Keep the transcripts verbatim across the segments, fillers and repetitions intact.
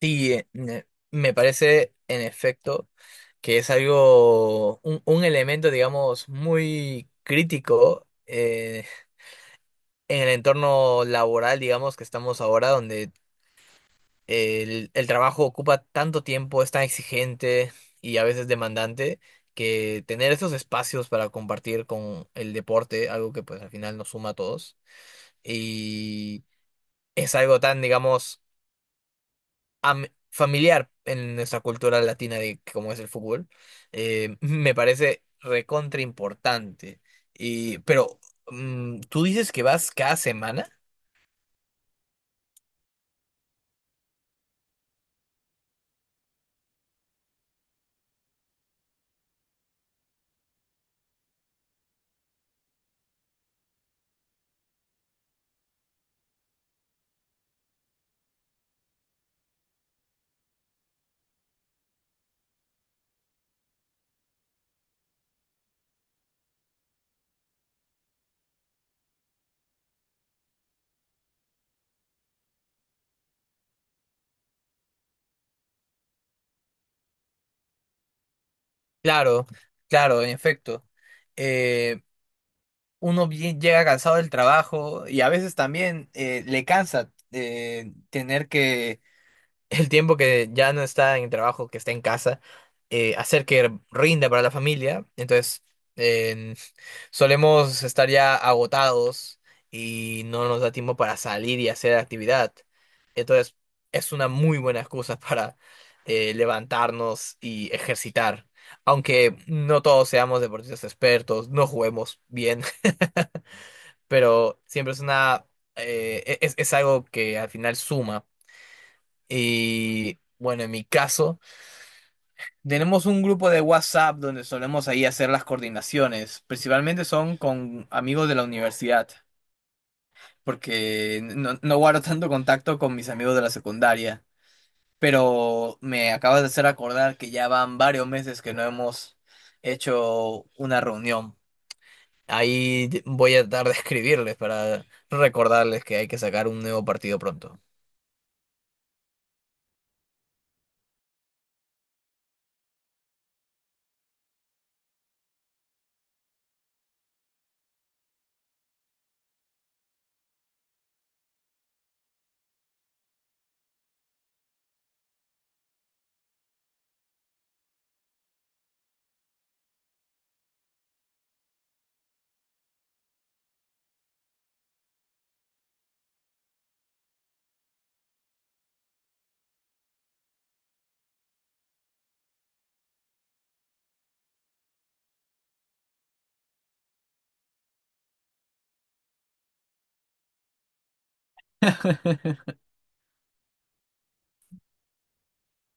Sí, eh, ne- me parece en efecto que es algo, un, un elemento, digamos, muy crítico eh, en el entorno laboral, digamos, que estamos ahora, donde el, el trabajo ocupa tanto tiempo, es tan exigente y a veces demandante, que tener esos espacios para compartir con el deporte, algo que pues al final nos suma a todos, y es algo tan, digamos, am- familiar en nuestra cultura latina de cómo es el fútbol, eh, me parece recontra importante. Y, pero, mm, ¿tú dices que vas cada semana? Claro, claro, en efecto. Eh, Uno bien llega cansado del trabajo y a veces también eh, le cansa eh, tener que, el tiempo que ya no está en el trabajo, que está en casa, eh, hacer que rinda para la familia. Entonces, solemos estar ya agotados y no nos da tiempo para salir y hacer actividad. Entonces, es una muy buena excusa para eh, levantarnos y ejercitar. Aunque no todos seamos deportistas expertos, no juguemos bien, pero siempre es una, eh, e, es, es algo que al final suma. Y bueno, en mi caso, tenemos un grupo de WhatsApp donde solemos ahí hacer las coordinaciones. Principalmente son con amigos de la universidad, porque no, no guardo tanto contacto con mis amigos de la secundaria, pero me acabas de hacer acordar que ya van varios meses que no hemos hecho una reunión. Ahí voy a tratar de escribirles para recordarles que hay que sacar un nuevo partido pronto.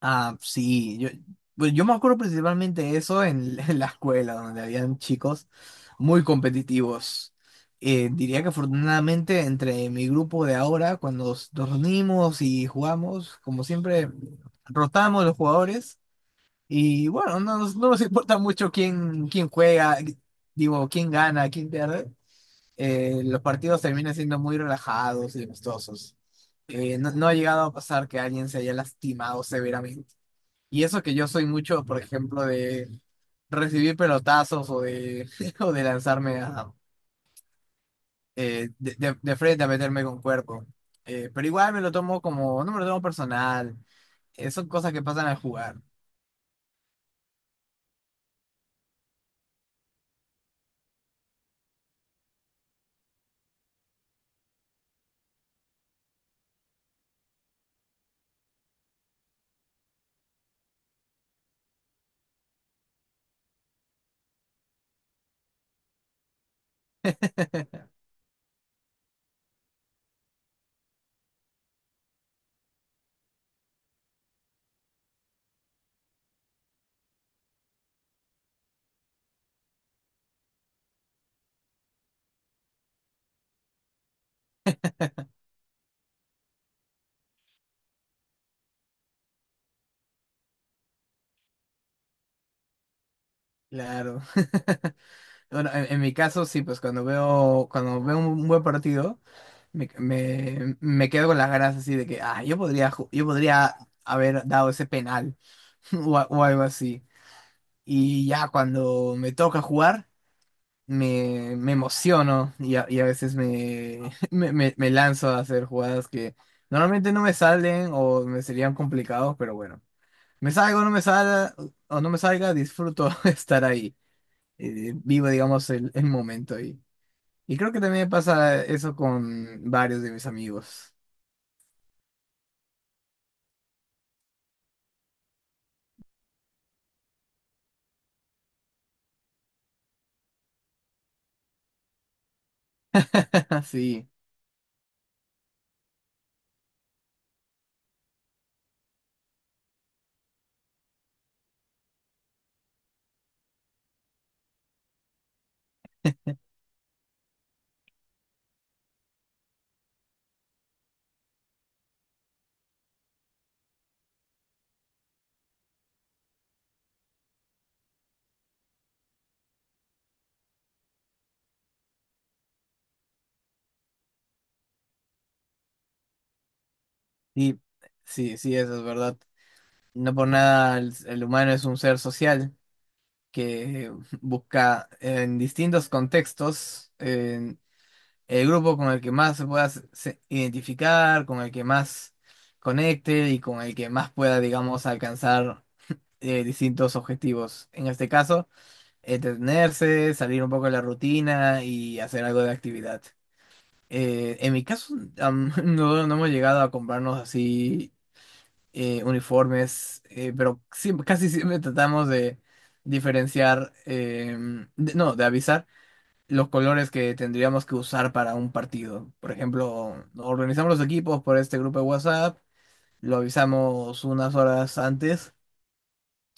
Ah, sí, yo, pues yo me acuerdo principalmente de eso en escuela, donde habían chicos muy competitivos. Eh, diría que afortunadamente entre mi grupo de ahora, cuando nos nos reunimos y jugamos, como siempre, rotamos los jugadores y bueno, no nos importa mucho quién, quién juega, eh, digo, quién pierde. Eh, los partidos terminan siendo muy relajados y amistosos. Eh, no, no ha llegado a pasar que alguien se haya lastimado severamente. Y eso que yo soy mucho, por ejemplo, de recibir pelotazos o de, o de lanzarme a, eh, de, de- de frente a meterme con cuerpo. Eh, pero igual me lo tomo como, no me lo tomo personal. Eh, son cosas que pasan al jugar. Claro. Bueno, en, en mi caso sí, pues cuando veo, cuando veo un buen partido, me, me, me quedo con las ganas así de que, ah, yo podría, ju- yo podría haber dado ese penal o, a- o algo así. Y ya cuando me toca jugar, me, me emociono y a, y a veces me, me, me- me lanzo a hacer jugadas que normalmente no me salen o me serían complicados, pero bueno, me salgo, no me salga o no me salga, disfruto estar ahí. Eh, vivo, digamos, el, el momento ahí. Y creo que también me pasa eso con varios de mis amigos. Así, sí, sí, sí, eso es verdad. No por nada el, el humano es un ser social que busca en distintos contextos en el grupo con el que más se pueda se- se- identificar, con el que más conecte y con el que más pueda, digamos, alcanzar eh, distintos objetivos. En este caso, entretenerse, salir un poco de la rutina y hacer algo de actividad. Eh, en mi caso, am, no, no hemos llegado a comprarnos así eh, uniformes, eh, pero siempre, casi siempre tratamos de diferenciar, em, de- no, de avisar los colores que tendríamos que usar para un partido. Por ejemplo, organizamos los equipos por este grupo de WhatsApp, lo avisamos unas horas antes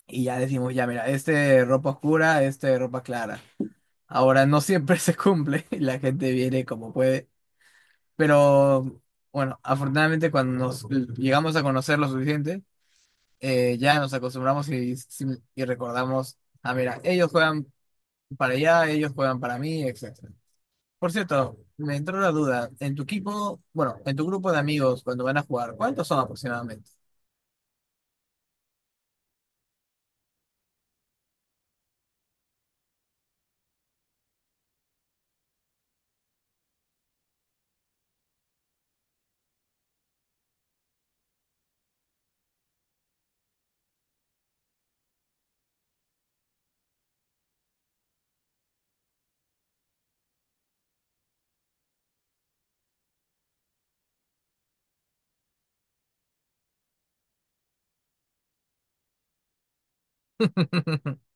y ya decimos, ya mira, este ropa oscura, este ropa clara. Ahora no siempre se cumple, la gente viene como puede. Pero bueno, afortunadamente cuando nos llegamos a conocer lo suficiente, eh, ya nos acostumbramos y sí, y recordamos, ah, mira, ellos juegan para allá, ellos juegan para mí, etcétera. Por cierto, me entró la duda, en tu equipo, bueno, en tu grupo de amigos cuando van a jugar, ¿cuántos son aproximadamente?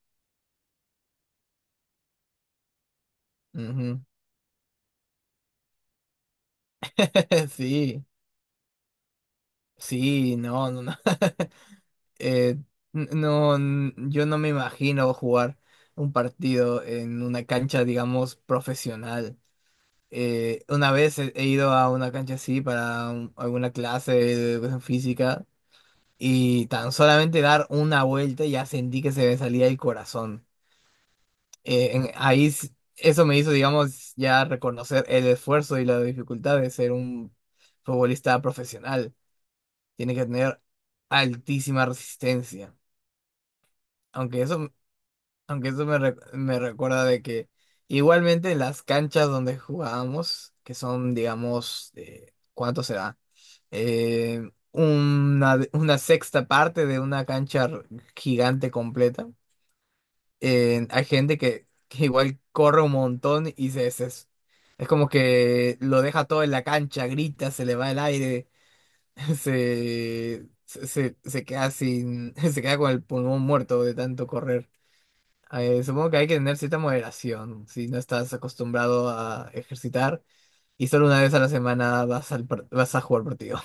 Ujú. Sí, sí, no, no, no. Eh, n- no, n- yo no me imagino jugar un partido en una cancha, digamos, profesional. Eh, una vez he, he ido a una cancha así para un- alguna clase de educación física y tan solamente dar una vuelta ya sentí que se me salía el corazón. Eh, en- ahí s- Eso me hizo, digamos, ya reconocer el esfuerzo y la dificultad de ser un futbolista profesional. Tiene que tener altísima resistencia. Aunque eso, aunque eso me, re- me recuerda de que igualmente en las canchas donde jugábamos, que son, digamos, eh, ¿cuánto será? eh, una, una sexta parte de una cancha r- gigante completa. Eh, hay gente que, que igual corre un montón y se, se- es como que lo deja todo en la cancha, grita, se le va el aire, se, se, se- se queda sin, se queda con el pulmón muerto de tanto correr. Eh, supongo que hay que tener cierta moderación si no estás acostumbrado a ejercitar y solo una vez a la semana vas, al par- vas a jugar partido.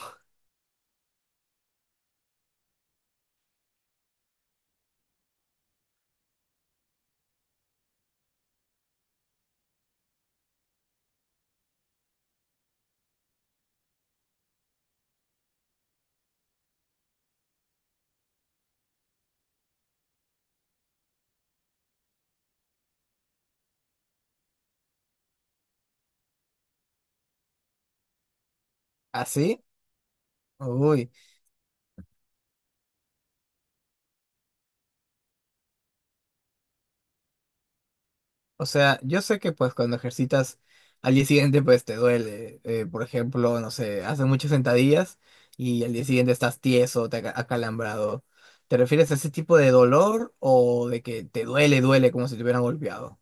¿Así? Uy. O sea, yo sé que pues cuando ejercitas al día siguiente pues te duele. Eh, por ejemplo, no sé, haces muchas sentadillas y al día siguiente estás tieso, te aca- acalambrado. ¿Te refieres a ese tipo de dolor o de que te duele, duele como si te hubieran golpeado?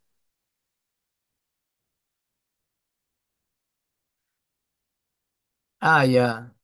Ah, ya.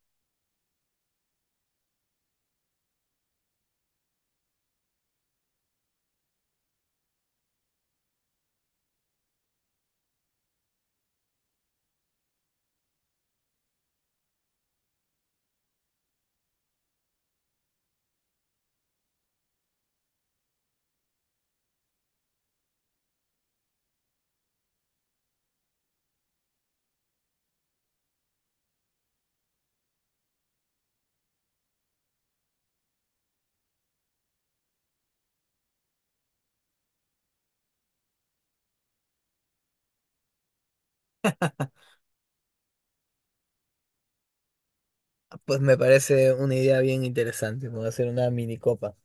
Pues me parece una idea bien interesante. Me voy a hacer una mini copa.